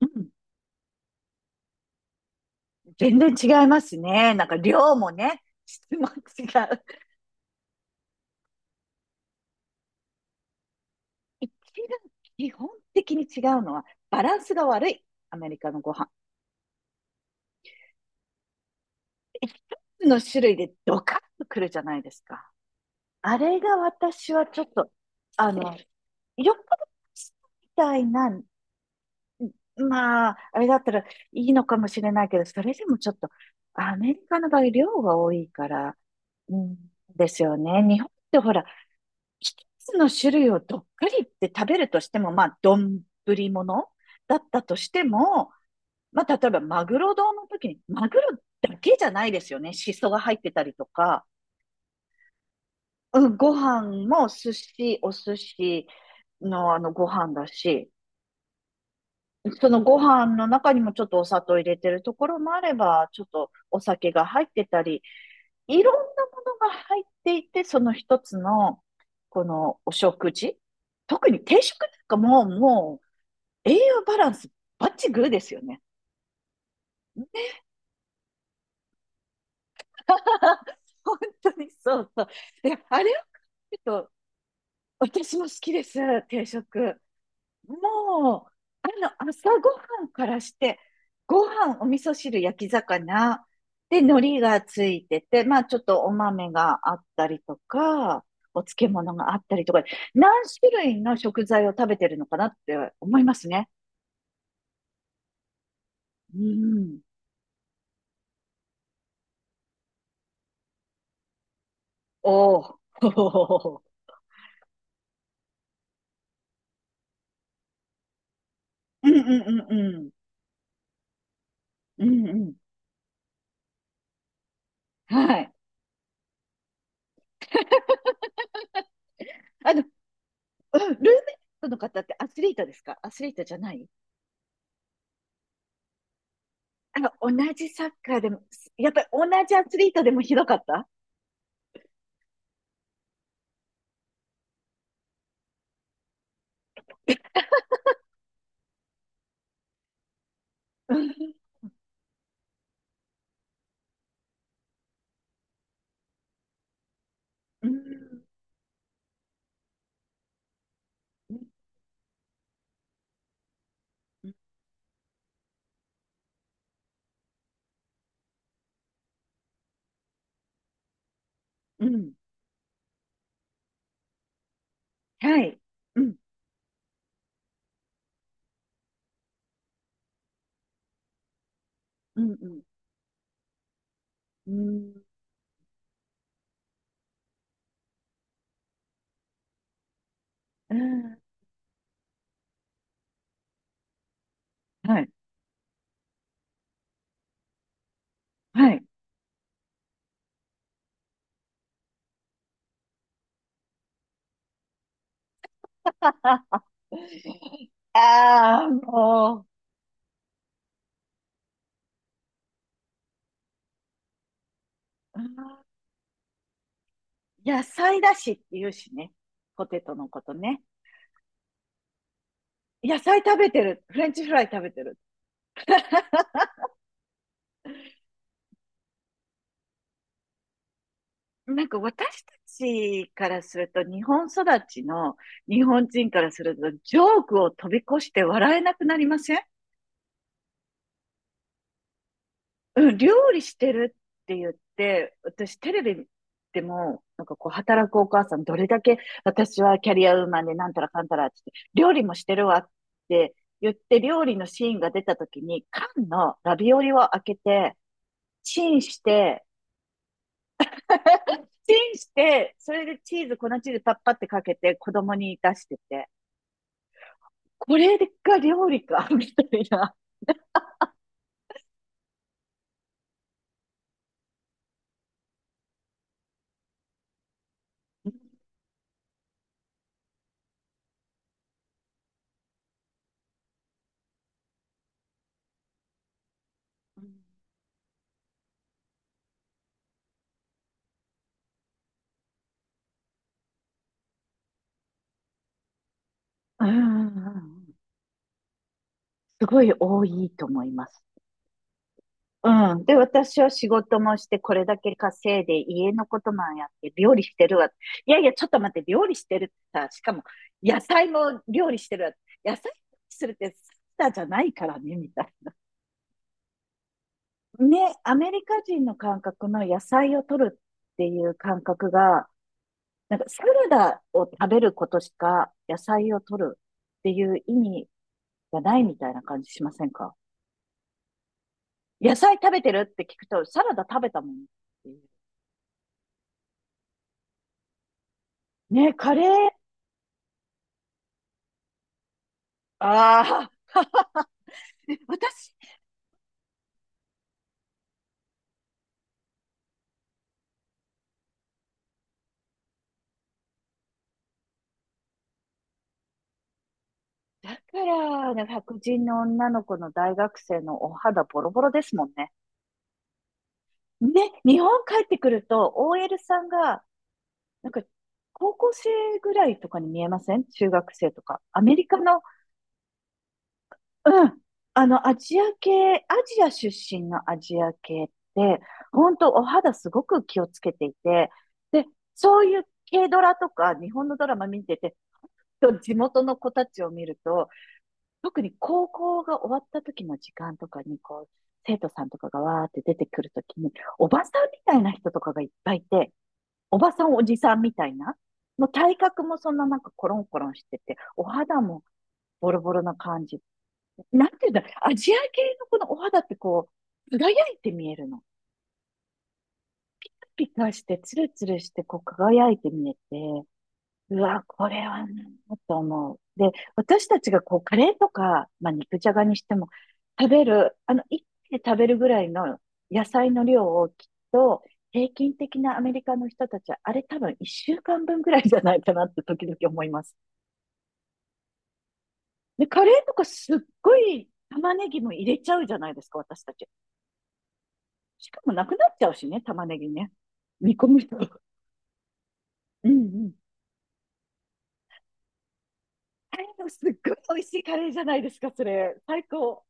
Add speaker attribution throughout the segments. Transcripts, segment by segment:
Speaker 1: うん、全然違いますね。なんか量もね、質も違う。一番基本的に違うのはバランスが悪い。アメリカのご飯。一つの種類でドカッとくるじゃないですか。あれが私はちょっと、あの、よっぽどみたいな、まあ、あれだったらいいのかもしれないけど、それでもちょっと、アメリカの場合量が多いから、うん、ですよね。日本ってほら、一つの種類をどっくりって食べるとしても、まあ、丼ものだったとしても、まあ、例えばマグロ丼の時に、マグロだけじゃないですよね。シソが入ってたりとか、うん、ご飯もお寿司のあのご飯だし、そのご飯の中にもちょっとお砂糖入れてるところもあれば、ちょっとお酒が入ってたり、いろんなものが入っていて、その一つの、このお食事。特に定食なんかもう、栄養バランスバッチグーですよね。本当にそうそう。であれを食うと、私も好きです、定食。もう、朝ごはんからして、ご飯、お味噌汁、焼き魚、で、海苔がついてて、まあ、ちょっとお豆があったりとか、お漬物があったりとか、何種類の食材を食べてるのかなって思いますね。うん。おー。うんうんうんうん。うんうん。はい。あの、うんルーメイトの方ってアスリートですかアスリートじゃない？同じサッカーでも、やっぱり同じアスリートでもひどかった？うん、うん、うん、うん、はい。うん、うん、うん、うん、はい、はい。あ、ああ、もう、野菜だしって言うしね。ポテトのことね。野菜食べてる。フレンチフライ食べてる。なんか私たちからすると、日本育ちの日本人からすると、ジョークを飛び越して笑えなくなりません？うん、料理してるって言って、私テレビでも、なんかこう、働くお母さん、どれだけ私はキャリアウーマンでなんたらかんたらって言って、料理もしてるわって言って、料理のシーンが出た時に、缶のラビオリを開けて、チンして、チンして、それでチーズ、粉チーズパッパってかけて、子供に出してて、これが料理か、みたいな。うんうんうん、すごい多いと思います。うん。で、私は仕事もして、これだけ稼いで、家のこともやって、料理してるわ。いやいや、ちょっと待って、料理してるってさ、しかも、野菜も料理してるわ。野菜するってサラダじゃないからね、みたいな。ね、アメリカ人の感覚の野菜を取るっていう感覚が、なんかサラダを食べることしか野菜を取るっていう意味がないみたいな感じしませんか？野菜食べてるって聞くと、サラダ食べたもんっていう。ね、カレーああ、私、だから、ね、白人の女の子の大学生のお肌ボロボロですもんね。ね、日本帰ってくると、OL さんが、なんか、高校生ぐらいとかに見えません？中学生とか。アメリカの、うん、アジア出身のアジア系って、本当お肌すごく気をつけていて、で、そういう軽ドラとか日本のドラマ見てて、と地元の子たちを見ると、特に高校が終わった時の時間とかに、こう、生徒さんとかがわーって出てくるときに、おばさんみたいな人とかがいっぱいいて、おばさんおじさんみたいな、もう体格もそんななんかコロンコロンしてて、お肌もボロボロな感じ。なんていうんだろう、アジア系のこのお肌ってこう、輝いて見えるの。ピカピカして、ツルツルして、こう輝いて見えて、うわ、これはなと思う。で、私たちがこう、カレーとか、まあ、肉じゃがにしても、食べる、あの、一気で食べるぐらいの野菜の量をきっと、平均的なアメリカの人たちは、あれ多分一週間分ぐらいじゃないかなって時々思います。で、カレーとかすっごい玉ねぎも入れちゃうじゃないですか、私たち。しかもなくなっちゃうしね、玉ねぎね。煮込む人。うんうん。あれのすっごい美味しいカレーじゃないですか、それ。最高。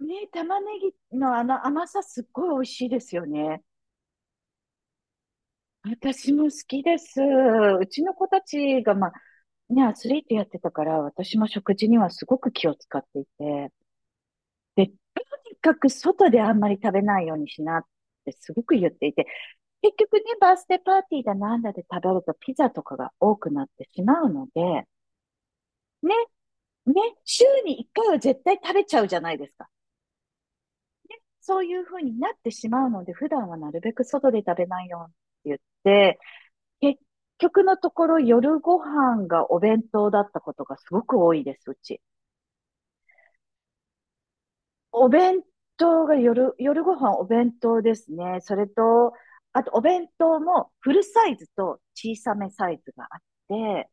Speaker 1: ね、玉ねぎのあの甘さすっごい美味しいですよね。私も好きです。うちの子たちが、まあ、ね、アスリートやってたから、私も食事にはすごく気を使っていて、で、とにかく外であんまり食べないようにしなってすごく言っていて、結局ね、バースデーパーティーだなんだで食べるとピザとかが多くなってしまうので、ね、ね、週に1回は絶対食べちゃうじゃないですか。そういうふうになってしまうので、普段はなるべく外で食べないようにって言って、結局のところ夜ご飯がお弁当だったことがすごく多いです、うち。お弁当が夜ご飯お弁当ですね。それと、あとお弁当もフルサイズと小さめサイズがあって、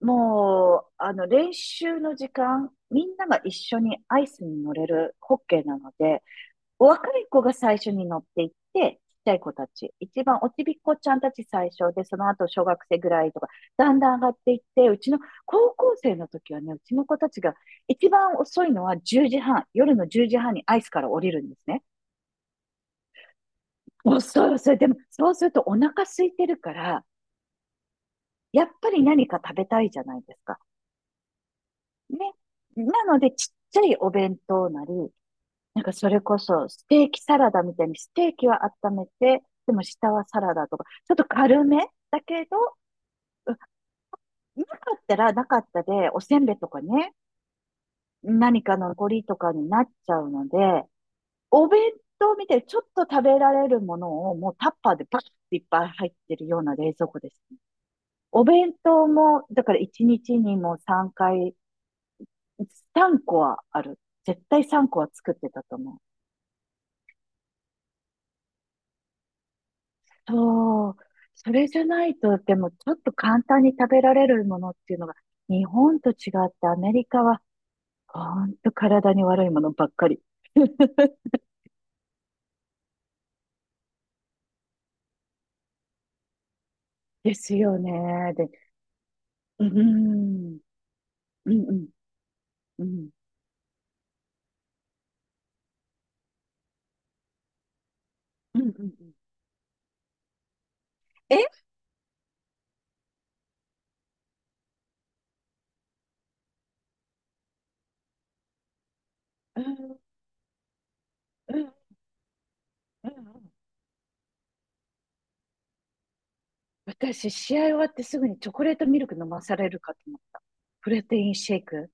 Speaker 1: もう、練習の時間、みんなが一緒にアイスに乗れるホッケーなので、お若い子が最初に乗っていって、ちっちゃい子たち、一番おちびっこちゃんたち最初で、その後小学生ぐらいとか、だんだん上がっていって、うちの高校生の時はね、うちの子たちが一番遅いのは1時半、夜の10時半にアイスから降りるんですね。遅い遅い。でも、そうするとお腹空いてるから、やっぱり何か食べたいじゃないですか。ね。なので、ちっちゃいお弁当なり、なんかそれこそ、ステーキサラダみたいに、ステーキは温めて、でも下はサラダとか、ちょっと軽めだけど、うんなかったらなかったで、おせんべいとかね、何かの残りとかになっちゃうので、お弁当みたいにちょっと食べられるものをもうタッパーでバッていっぱい入ってるような冷蔵庫ですね。お弁当も、だから1日にちにも3回、3個はある。絶対3個は作ってたと思う。そう。それじゃないと、でもちょっと簡単に食べられるものっていうのが、日本と違ってアメリカは、ほんと体に悪いものばっかり。ですよね。で、うん、うん、うん、うん、うん、うん。えうん、うん、うん。私、試合終わってすぐにチョコレートミルク飲まされるかと思った。プロテインシェイク。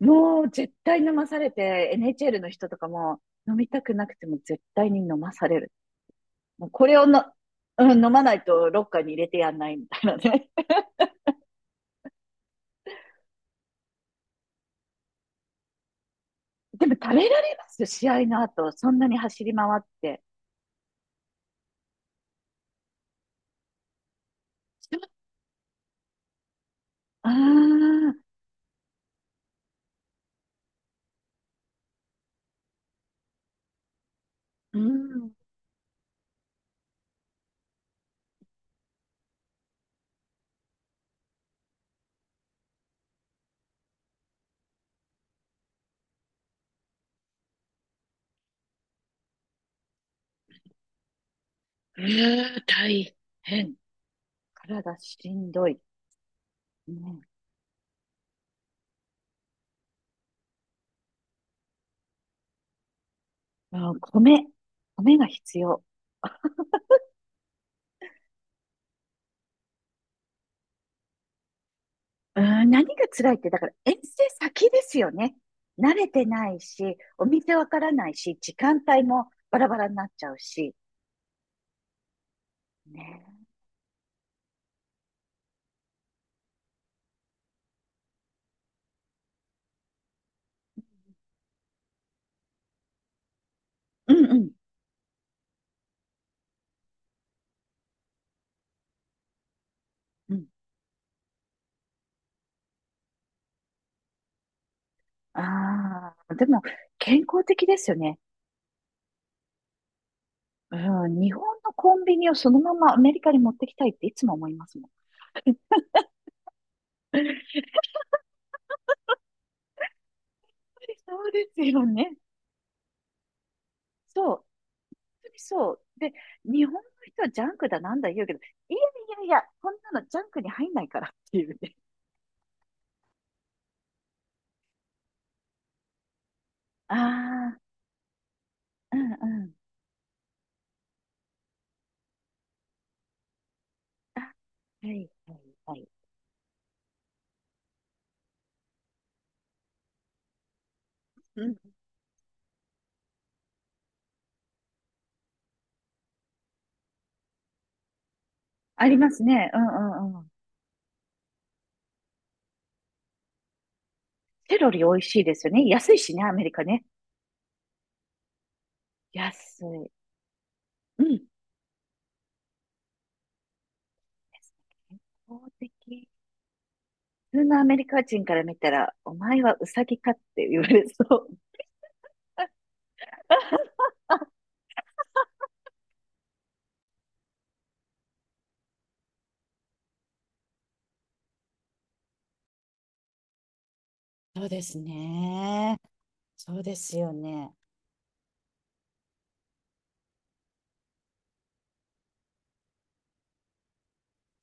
Speaker 1: もう絶対飲まされて、NHL の人とかも飲みたくなくても絶対に飲まされる。もうこれをの、うん、飲まないとロッカーに入れてやんないみたいなね。でも食べられます試合の後？そんなに走り回って。ああ、うん。大変。体しんどい。ね、うん、米が必要。うん、何が辛いって、だから遠征先ですよね。慣れてないし、お店わからないし、時間帯もバラバラになっちゃうし。ね。うんうん。うんああ、でも健康的ですよね。うん、日本のコンビニをそのままアメリカに持ってきたいっていつも思いますもん。そうですよね。そう。本当にそう。で、日本の人はジャンクだなんだ言うけど、いやいやいや、こんなのジャンクに入んないからっていうね。ああ、うんうん。あ、はいはいはい。うん。ありますね。うんうんうん。セロリ美味しいですよね。安いしね、アメリカね。安い。うん。健康的。普通のアメリカ人から見たら、お前はウサギかって言われそう。そうですね。そうですよね。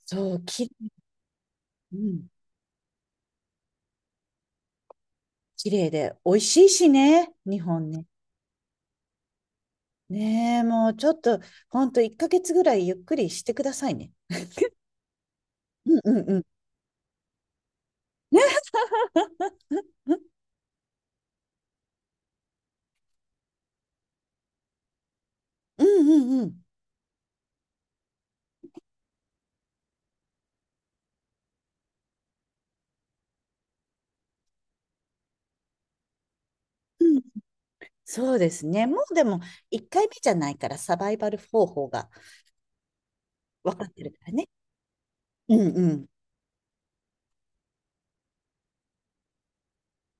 Speaker 1: そう、うん、綺麗で、美味しいしね、日本ね。ねえ、もうちょっと、ほんと1ヶ月ぐらいゆっくりしてくださいね。うんうんうん。ね、うんうんうん。うん、そうですね。もうでも、1回目じゃないから、サバイバル方法が分かってるからね。うんうん。